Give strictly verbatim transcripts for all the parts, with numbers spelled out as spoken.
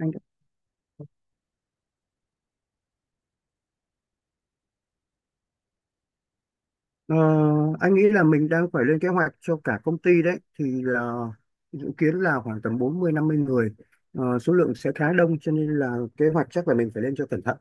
anh ờ, anh nghĩ là mình đang phải lên kế hoạch cho cả công ty đấy, thì là dự kiến là khoảng tầm bốn mươi năm mươi người. Ờ, số lượng sẽ khá đông, cho nên là kế hoạch chắc là mình phải lên cho cẩn thận.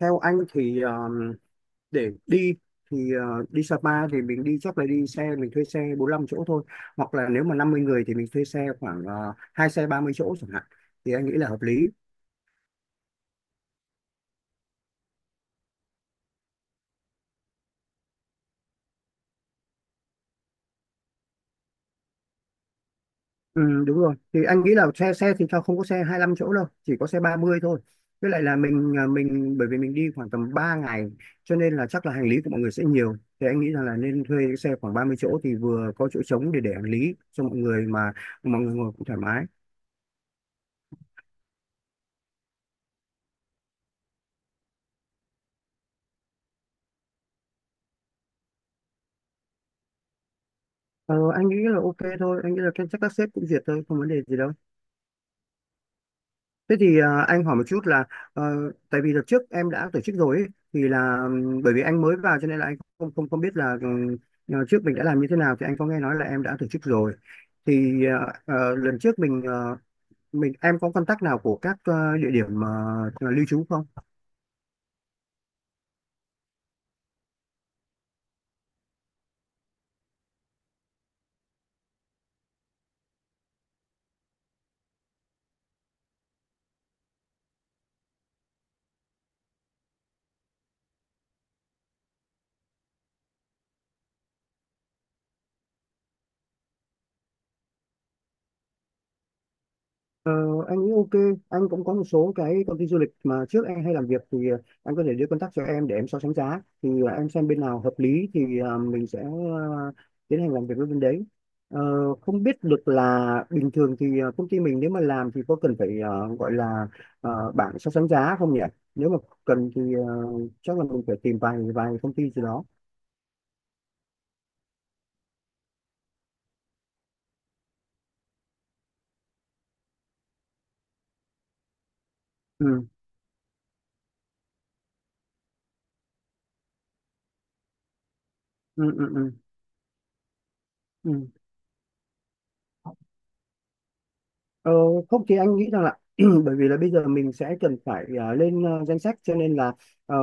Theo anh thì ờ, để đi thì ờ, đi Sapa thì mình đi chắc là đi xe, mình thuê xe bốn lăm chỗ thôi, hoặc là nếu mà năm mươi người thì mình thuê xe khoảng uh, hai xe ba mươi chỗ chẳng hạn, thì anh nghĩ là hợp lý. Ừ, đúng rồi, thì anh nghĩ là xe xe thì cho không có xe hai lăm chỗ đâu, chỉ có xe ba mươi thôi. Với lại là mình à, mình, bởi vì mình đi khoảng tầm ba ngày cho nên là chắc là hành lý của mọi người sẽ nhiều, thì anh nghĩ rằng là nên thuê cái xe khoảng ba mươi chỗ thì vừa có chỗ trống để để hành lý cho mọi người, mà mọi người ngồi cũng thoải mái. ờ, anh nghĩ là ok thôi, anh nghĩ là cái- chắc các sếp cũng duyệt thôi, không vấn đề gì đâu. Thế thì à, anh hỏi một chút là, ờ, tại vì đợt trước em đã tổ chức rồi ấy, thì là ừm, bởi vì anh mới vào cho nên là anh không không không biết là ừm, ờ, trước mình đã làm như thế nào. Thì anh có nghe nói là em đã tổ chức rồi, thì ờ, ờ, lần trước mình ờ, mình, em có contact nào của các ờ, địa điểm ờ, lưu trú không? Ờ, anh nghĩ ok, anh cũng có một số cái công ty du lịch mà trước em hay làm việc, thì ờ, anh có thể đưa contact cho em để em so sánh giá, thì ờ, em xem bên nào hợp lý thì ờ, mình sẽ ờ, tiến hành làm việc với bên đấy. Ờ, Không biết được là bình thường thì ờ, công ty mình nếu mà làm thì có cần phải ờ, gọi là ờ, bảng so sánh giá không nhỉ? Nếu mà cần thì ờ, chắc là mình phải tìm vài vài công ty gì đó. Ừ, ừ, ừ, ừ. ừ. Ờ, Không thì anh nghĩ rằng là bởi vì là bây giờ mình sẽ cần phải à, lên ờ, danh sách, cho nên là ờ,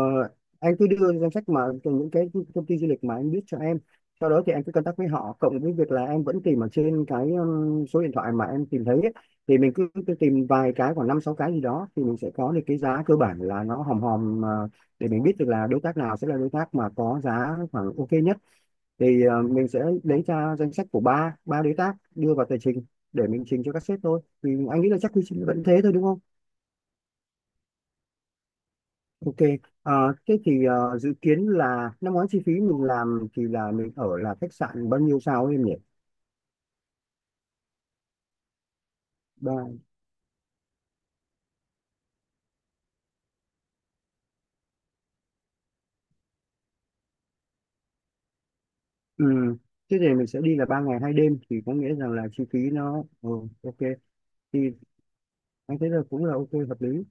anh cứ đưa danh sách mà từ những cái công ty du lịch mà anh biết cho em, sau đó thì em cứ contact với họ, cộng với việc là em vẫn tìm ở trên cái ừm, số điện thoại mà em tìm thấy ấy, thì mình cứ, cứ tìm vài cái khoảng năm sáu cái gì đó, thì mình sẽ có được cái giá cơ bản là nó hòm hòm, ờ, để mình biết được là đối tác nào sẽ là đối tác mà có giá khoảng ok nhất, thì ờ, mình sẽ lấy ra danh sách của ba ba đối tác đưa vào tờ trình, để mình trình cho các sếp thôi. Thì anh nghĩ là chắc quy trình vẫn thế thôi, đúng không? Ok. ờ, Thế thì ờ, dự kiến là năm ngoái chi phí mình làm thì là mình ở là khách sạn bao nhiêu sao ấy em nhỉ? Ba. Ừ. Thế thì mình sẽ đi là ba ngày hai đêm, thì có nghĩa rằng là chi phí nó ừ, ok, thì anh thấy là cũng là ok, hợp lý.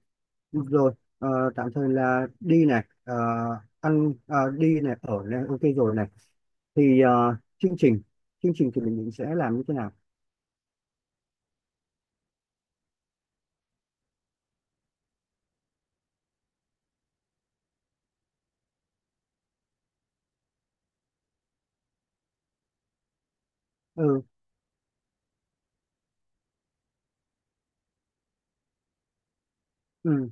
Được rồi, ờ, tạm thời là đi này, ờ, ăn ờ, đi này, ở này, ok rồi này. Thì ờ, chương trình chương trình thì mình định sẽ làm như thế nào? ừ, ừ.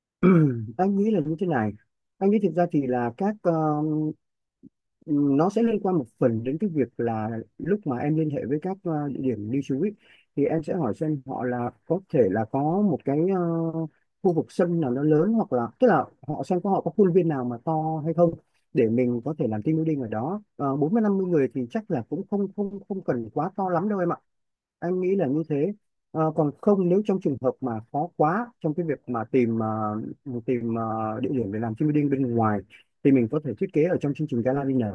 Anh nghĩ là như thế này, anh nghĩ thực ra thì là các ờ, nó sẽ liên quan một phần đến cái việc là lúc mà em liên hệ với các ờ, địa điểm lưu trú ấy, thì em sẽ hỏi xem họ là có thể là có một cái ờ, khu vực sân nào nó lớn, hoặc là tức là họ xem có họ có khuôn viên nào mà to hay không, để mình có thể làm team building ở đó. Ờ, Bốn mươi năm mươi người thì chắc là cũng không không không cần quá to lắm đâu em ạ, anh nghĩ là như thế. Ờ, còn không, nếu trong trường hợp mà khó quá trong cái việc mà tìm ờ, tìm ờ, địa điểm để làm team building bên ngoài, thì mình có thể thiết kế ở trong chương trình gala dinner.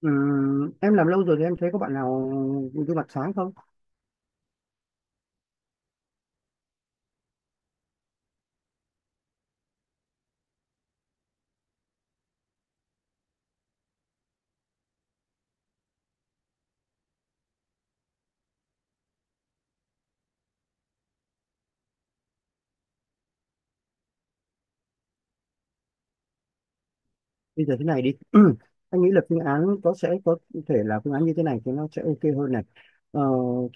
Ừ, em làm lâu rồi thì em thấy có bạn nào gương mặt sáng không? Bây giờ thế này đi. Anh nghĩ là phương án có sẽ có thể là phương án như thế này thì nó sẽ ok hơn này. Ờ,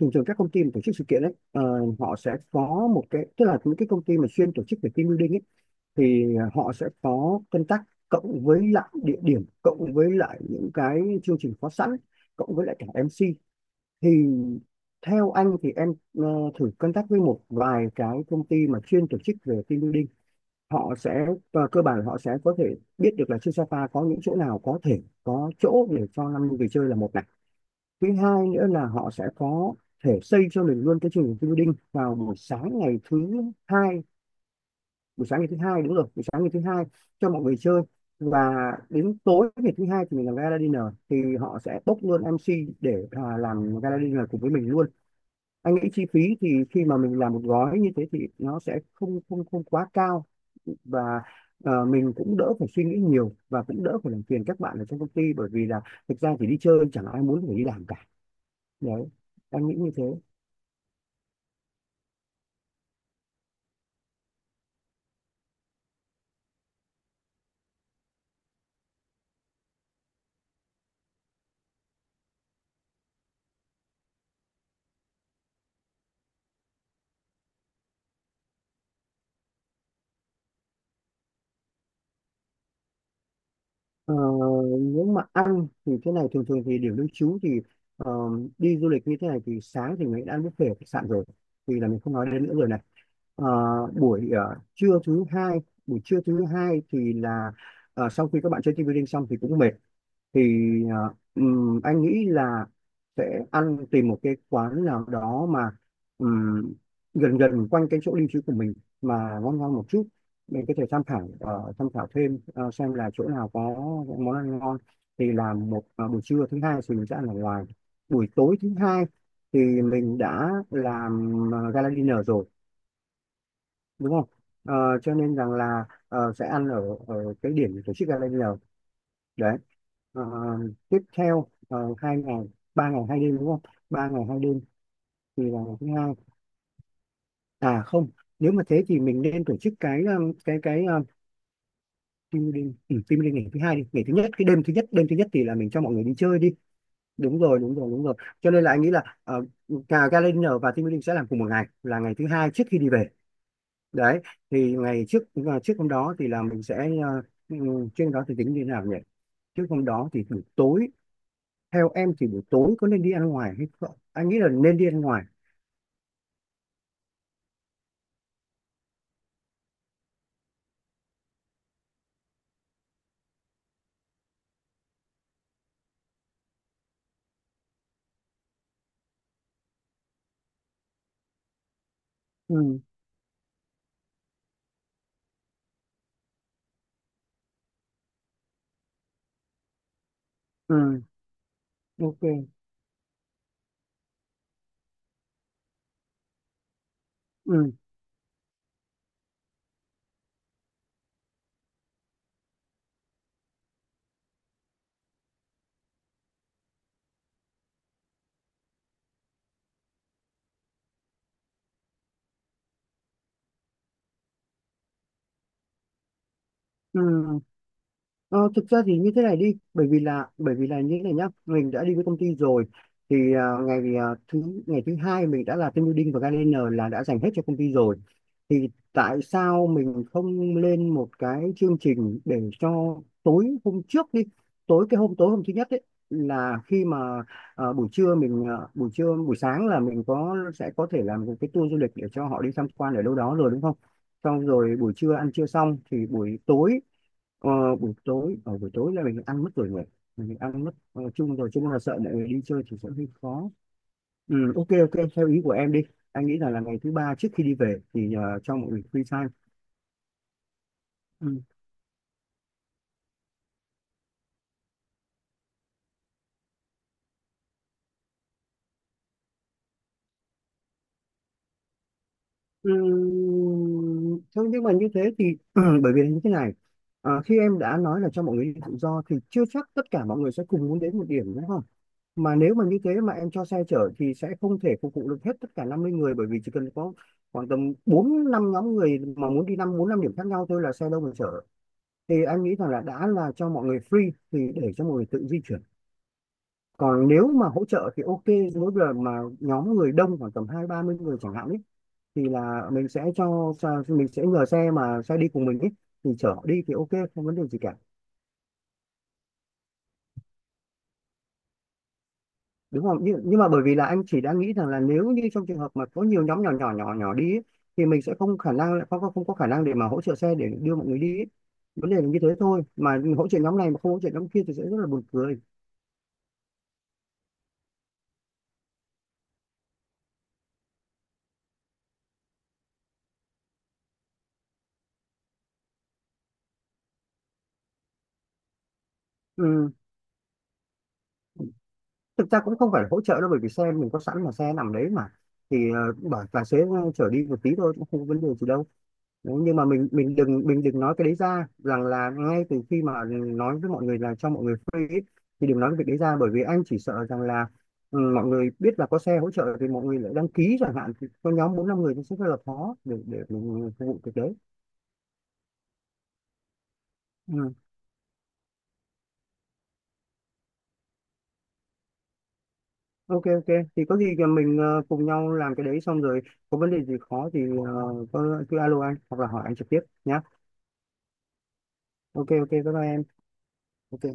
Thường thường các công ty mà tổ chức sự kiện ấy, ờ, họ sẽ có một cái, tức là những cái công ty mà chuyên tổ chức về team building ấy, thì họ sẽ có contact tác, cộng với lại địa điểm, cộng với lại những cái chương trình có sẵn, cộng với lại cả M C. Thì theo anh thì em ờ, thử contact với một vài cái công ty mà chuyên tổ chức về team building, họ sẽ, và cơ bản họ sẽ có thể biết được là trên Sapa có những chỗ nào có thể có chỗ để cho năm người chơi là một này. Thứ hai nữa là họ sẽ có thể xây cho mình luôn cái chương trình team building vào buổi sáng ngày thứ hai, buổi sáng ngày thứ hai đúng rồi, buổi sáng ngày thứ hai cho mọi người chơi, và đến tối ngày thứ hai thì mình làm gala dinner, thì họ sẽ bốc luôn em xê để à, làm gala dinner cùng với mình luôn. Anh nghĩ chi phí thì khi mà mình làm một gói như thế thì nó sẽ không không không quá cao, và ờ, mình cũng đỡ phải suy nghĩ nhiều, và cũng đỡ phải làm phiền các bạn ở trong công ty, bởi vì là thực ra chỉ đi chơi chẳng ai muốn phải đi làm cả. Đấy, em nghĩ như thế. Ờ, Nếu mà ăn thì thế này, thường thường thì điểm lưu trú thì ờ, đi du lịch như thế này thì sáng thì mình đã ăn buffet ở khách sạn rồi, thì là mình không nói đến nữa rồi này. Ờ, buổi ờ, Trưa thứ hai, buổi trưa thứ hai thì là ờ, sau khi các bạn chơi team building xong thì cũng mệt, thì ờ, ừm, anh nghĩ là sẽ ăn, tìm một cái quán nào đó mà ừm, gần gần quanh cái chỗ lưu trú của mình mà ngon ngon một chút. Mình có thể tham khảo, ờ, tham khảo thêm ờ, xem là chỗ nào có món ăn ngon, thì làm một, ờ, buổi trưa thứ hai thì mình sẽ ăn ở ngoài, buổi tối thứ hai thì mình đã làm ờ, gala dinner rồi, đúng không? Ờ, cho nên rằng là ờ, sẽ ăn ở ở cái điểm tổ chức gala dinner, đấy. Ờ, Tiếp theo, uh, hai ngày ba ngày hai đêm, đúng không? Ba ngày hai đêm, thì là ngày thứ hai, à không, nếu mà thế thì mình nên tổ chức cái um, cái cái um, team building, ừ, team building ngày thứ hai đi, ngày thứ nhất, cái đêm thứ nhất, đêm thứ nhất thì là mình cho mọi người đi chơi đi, đúng rồi đúng rồi đúng rồi. Cho nên là anh nghĩ là ờ, cả gala dinner và team building sẽ làm cùng một ngày là ngày thứ hai trước khi đi về, đấy. Thì ngày trước, ờ, trước hôm đó thì là mình sẽ uh, trước hôm đó thì tính như thế nào nhỉ? Trước hôm đó thì buổi tối, theo em thì buổi tối có nên đi ăn ngoài hay không? Anh nghĩ là nên đi ăn ngoài. Ừ, ừ, ok. Ừ, ừ. Ờ, Thực ra thì như thế này đi, bởi vì là bởi vì là như thế này nhá, mình đã đi với công ty rồi, thì à, ngày à, thứ ngày thứ hai mình đã là team building và gardener là đã dành hết cho công ty rồi, thì tại sao mình không lên một cái chương trình để cho tối hôm trước đi, tối cái hôm, tối hôm thứ nhất ấy, là khi mà à, buổi trưa mình à, buổi trưa buổi sáng là mình có sẽ có thể làm một cái tour du lịch để cho họ đi tham quan ở đâu đó rồi, đúng không? Xong rồi buổi trưa ăn trưa xong thì buổi tối, Ờ, buổi tối ở buổi tối là mình ăn mất rồi người, mình ăn mất ờ, chung rồi, chung là sợ mọi người đi chơi thì sẽ hơi khó. Ừ, ok ok, theo ý của em đi, anh nghĩ là là ngày thứ ba trước khi đi về thì ờ, cho mọi người free time. Ừ. Ừ, thế nhưng mà như thế thì bởi vì là như thế này, Ờ, khi em đã nói là cho mọi người đi tự do thì chưa chắc tất cả mọi người sẽ cùng muốn đến một điểm, đúng? Mà nếu mà như thế mà em cho xe chở thì sẽ không thể phục vụ được hết tất cả năm mươi người, bởi vì chỉ cần có khoảng tầm bốn năm nhóm người mà muốn đi năm, bốn năm điểm khác nhau thôi là xe đâu mà chở. Thì anh nghĩ rằng là đã là cho mọi người free thì để cho mọi người tự di chuyển. Còn nếu mà hỗ trợ thì ok, mỗi lần mà nhóm người đông khoảng tầm hai ba mươi người chẳng hạn ấy, thì là mình sẽ cho cho- mình sẽ nhờ xe, mà xe đi cùng mình ấy, thì chở họ đi thì ok, không vấn đề gì cả. Đúng không? Nhưng, nhưng mà bởi vì là anh chỉ đang nghĩ rằng là nếu như trong trường hợp mà có nhiều nhóm nhỏ nhỏ nhỏ nhỏ đi ấy, thì mình sẽ không khả năng không có không có khả năng để mà hỗ trợ xe để đưa mọi người đi ấy. Vấn đề là như thế thôi, mà hỗ trợ nhóm này mà không hỗ trợ nhóm kia thì sẽ rất là buồn cười. Ừ. Thực ra cũng không phải là hỗ trợ đâu, bởi vì xe mình có sẵn mà, xe nằm đấy mà, thì ờ, bảo tài xế ờ, chở đi một tí thôi cũng không có vấn đề gì đâu. Đấy, nhưng mà mình mình đừng mình đừng nói cái đấy ra, rằng là ngay từ khi mà nói với mọi người là cho mọi người free ấy, thì đừng nói cái việc đấy ra, bởi vì anh chỉ sợ rằng là ừ, mọi người biết là có xe hỗ trợ thì mọi người lại đăng ký chẳng hạn, thì có nhóm bốn năm người thì sẽ rất là khó để để mình phục vụ việc đấy. Ừ. ok Ok, thì có gì thì mình ờ, cùng nhau làm cái đấy xong rồi, có vấn đề gì khó thì ờ, có cứ alo anh hoặc là hỏi anh trực tiếp nhá. Ok Ok, bye bye em. Ok.